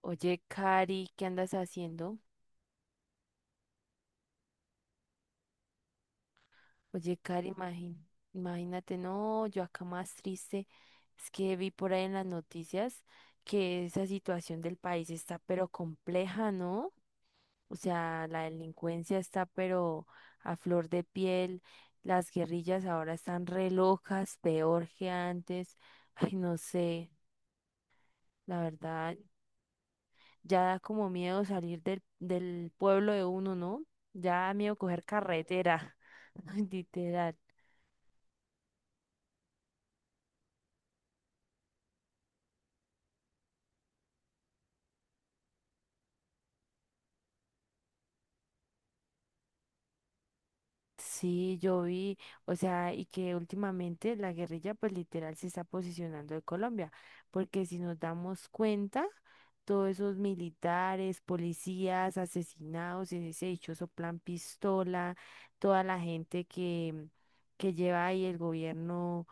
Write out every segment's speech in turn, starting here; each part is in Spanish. Oye, Cari, ¿qué andas haciendo? Oye, Cari, imagínate, no, yo acá más triste. Es que vi por ahí en las noticias que esa situación del país está pero compleja, ¿no? O sea, la delincuencia está pero a flor de piel, las guerrillas ahora están re locas, peor que antes. Ay, no sé, la verdad, ya da como miedo salir del pueblo de uno, ¿no? Ya da miedo coger carretera, literal. Sí, yo vi, o sea, y que últimamente la guerrilla pues literal se está posicionando de Colombia, porque si nos damos cuenta, todos esos militares, policías, asesinados, en ese dichoso plan pistola, toda la gente que lleva ahí el gobierno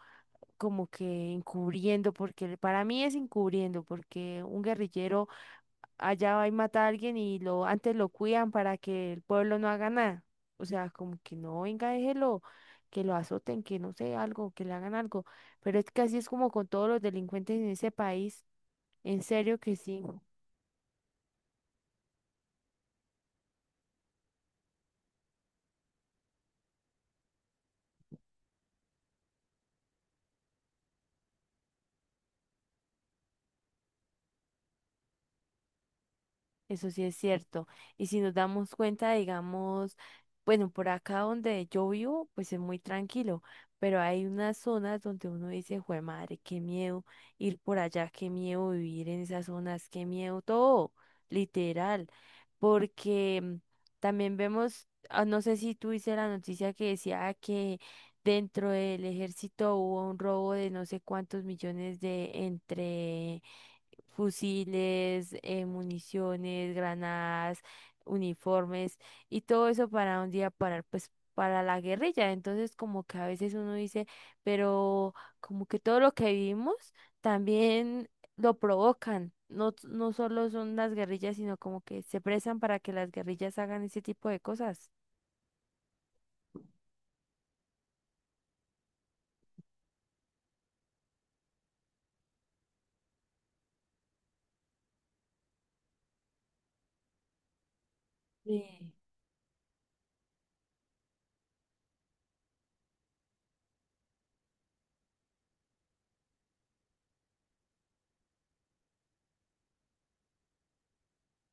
como que encubriendo, porque para mí es encubriendo, porque un guerrillero allá va y mata a alguien y lo antes lo cuidan para que el pueblo no haga nada. O sea, como que no, venga, déjelo, que lo azoten, que no sé, algo, que le hagan algo. Pero es que así es como con todos los delincuentes en ese país. En serio que sí. Eso sí es cierto. Y si nos damos cuenta, digamos, bueno, por acá donde yo vivo, pues es muy tranquilo, pero hay unas zonas donde uno dice, jue madre, qué miedo ir por allá, qué miedo vivir en esas zonas, qué miedo todo, literal, porque también vemos, ah, no sé si tú viste la noticia que decía que dentro del ejército hubo un robo de no sé cuántos millones de entre fusiles, municiones, granadas, uniformes y todo eso para un día parar, pues para la guerrilla. Entonces como que a veces uno dice, pero como que todo lo que vivimos también lo provocan. No, no solo son las guerrillas, sino como que se prestan para que las guerrillas hagan ese tipo de cosas. Sí.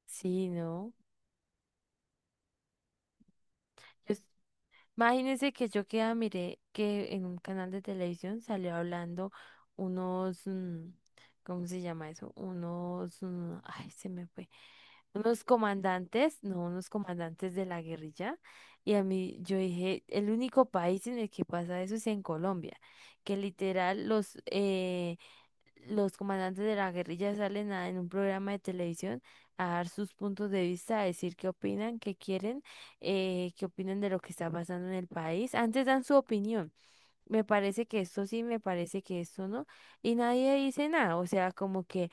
Sí, ¿no? Imagínense que yo queda, miré que en un canal de televisión salió hablando unos, ¿cómo se llama eso? Unos, ay, se me fue, unos comandantes, no, unos comandantes de la guerrilla. Y a mí, yo dije, el único país en el que pasa eso es en Colombia, que literal los comandantes de la guerrilla salen en un programa de televisión a dar sus puntos de vista, a decir qué opinan, qué quieren, qué opinan de lo que está pasando en el país. Antes dan su opinión. Me parece que esto sí, me parece que esto no. Y nadie dice nada. O sea, como que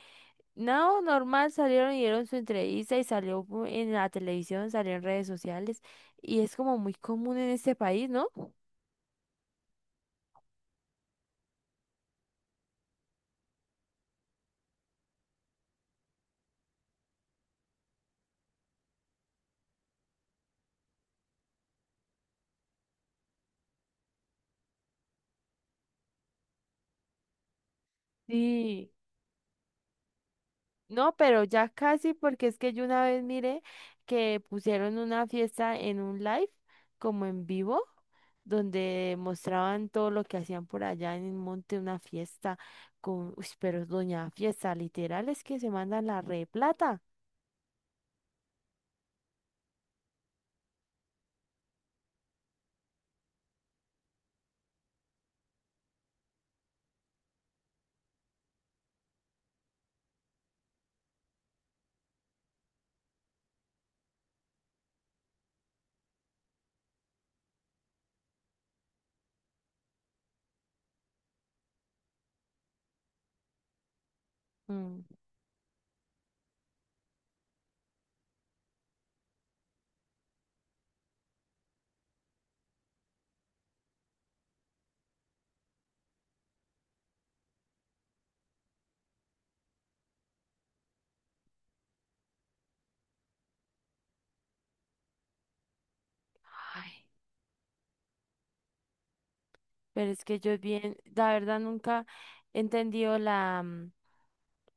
no, normal, salieron y dieron su entrevista y salió en la televisión, salió en redes sociales. Y es como muy común en este país, ¿no? Sí. No, pero ya casi, porque es que yo una vez miré que pusieron una fiesta en un live, como en vivo, donde mostraban todo lo que hacían por allá en el monte, una fiesta con, uy, pero es doña fiesta, literal, es que se mandan la re plata. Mm. Ay, pero es que yo bien, la verdad nunca he entendido la, mm,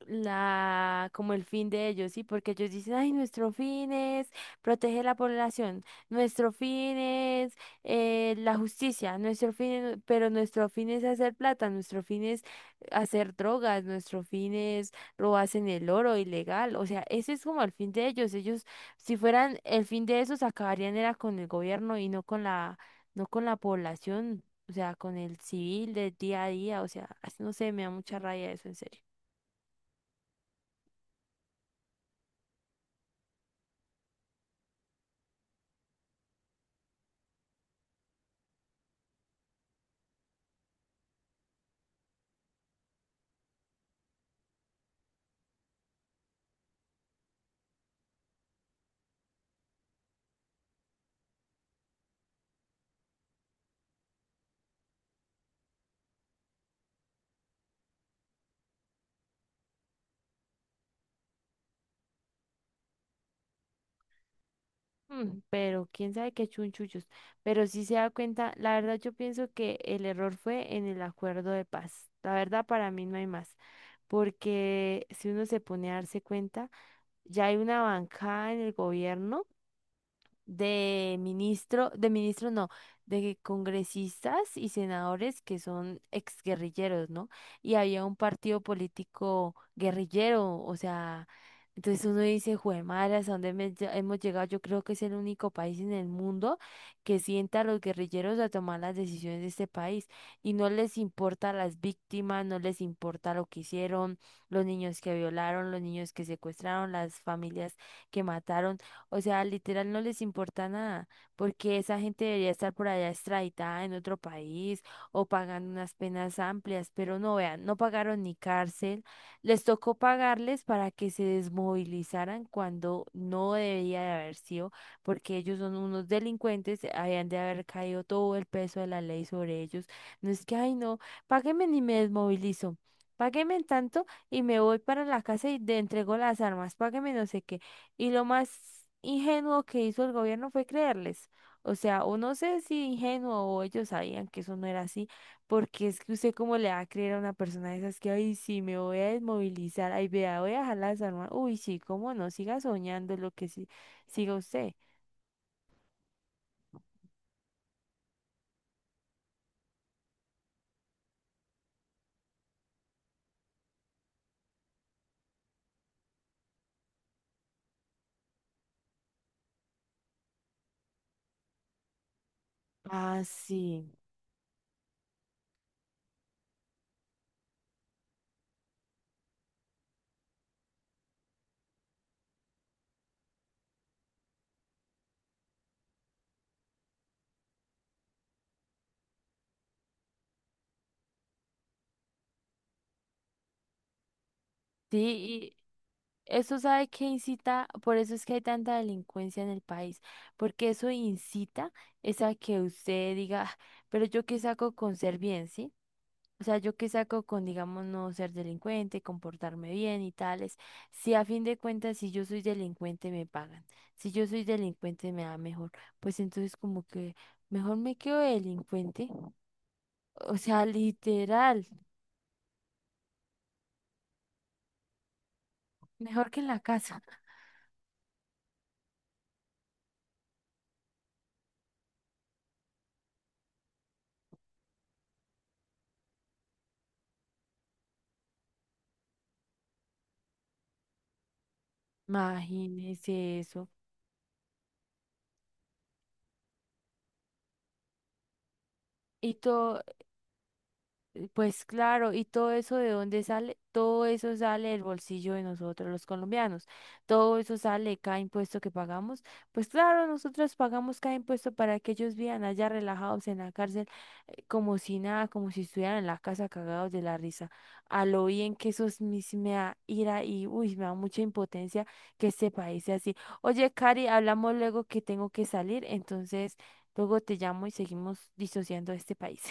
la, como el fin de ellos, ¿sí? Porque ellos dicen, ay, nuestro fin es proteger la población, nuestro fin es la justicia, nuestro fin pero nuestro fin es hacer plata, nuestro fin es hacer drogas, nuestro fin es robarse en el oro ilegal, o sea, ese es como el fin de ellos, ellos, si fueran el fin de esos, acabarían era con el gobierno y no con la población. O sea, con el civil del día a día, o sea, no sé, me da mucha raya eso, en serio. Mm, pero quién sabe qué chunchullos. Pero sí se da cuenta, la verdad yo pienso que el error fue en el acuerdo de paz. La verdad para mí no hay más, porque si uno se pone a darse cuenta, ya hay una bancada en el gobierno de ministro no, de congresistas y senadores que son exguerrilleros, ¿no? Y había un partido político guerrillero, o sea, entonces uno dice, ¿jue a dónde hemos llegado? Yo creo que es el único país en el mundo que sienta a los guerrilleros a tomar las decisiones de este país y no les importa las víctimas, no les importa lo que hicieron, los niños que violaron, los niños que secuestraron, las familias que mataron. O sea, literal no les importa nada, porque esa gente debería estar por allá extraditada en otro país o pagando unas penas amplias, pero no vean, no pagaron ni cárcel, les tocó pagarles para que se desmovilizaran cuando no debía de haber sido, porque ellos son unos delincuentes, habían de haber caído todo el peso de la ley sobre ellos. No es que, ay, no, páguenme ni me desmovilizo. Páguenme tanto y me voy para la casa y le entrego las armas. Páguenme no sé qué. Y lo más ingenuo que hizo el gobierno fue creerles. O sea, o no sé si ingenuo o ellos sabían que eso no era así, porque es que usted cómo le va a creer a una persona de esas que, ay, sí, me voy a desmovilizar, ay, vea, voy a dejar las armas. Uy, sí, cómo no, siga soñando lo que sí, siga usted. Ah, sí. Sí, y eso sabe que incita, por eso es que hay tanta delincuencia en el país, porque eso incita es a que usted diga, "Ah, pero yo qué saco con ser bien, ¿sí? O sea, yo qué saco con, digamos, no ser delincuente, comportarme bien y tales. Si a fin de cuentas, si yo soy delincuente, me pagan. Si yo soy delincuente, me da mejor. Pues entonces como que mejor me quedo delincuente. O sea, literal, mejor que en la casa." Imagínese eso. Y todo. Pues claro, ¿y todo eso de dónde sale? Todo eso sale del bolsillo de nosotros, los colombianos. Todo eso sale de cada impuesto que pagamos. Pues claro, nosotros pagamos cada impuesto para que ellos vivan allá relajados en la cárcel, como si nada, como si estuvieran en la casa cagados de la risa. A lo bien que eso me da ira y, uy, me da mucha impotencia que este país sea así. Oye, Cari, hablamos luego que tengo que salir, entonces luego te llamo y seguimos disociando este país.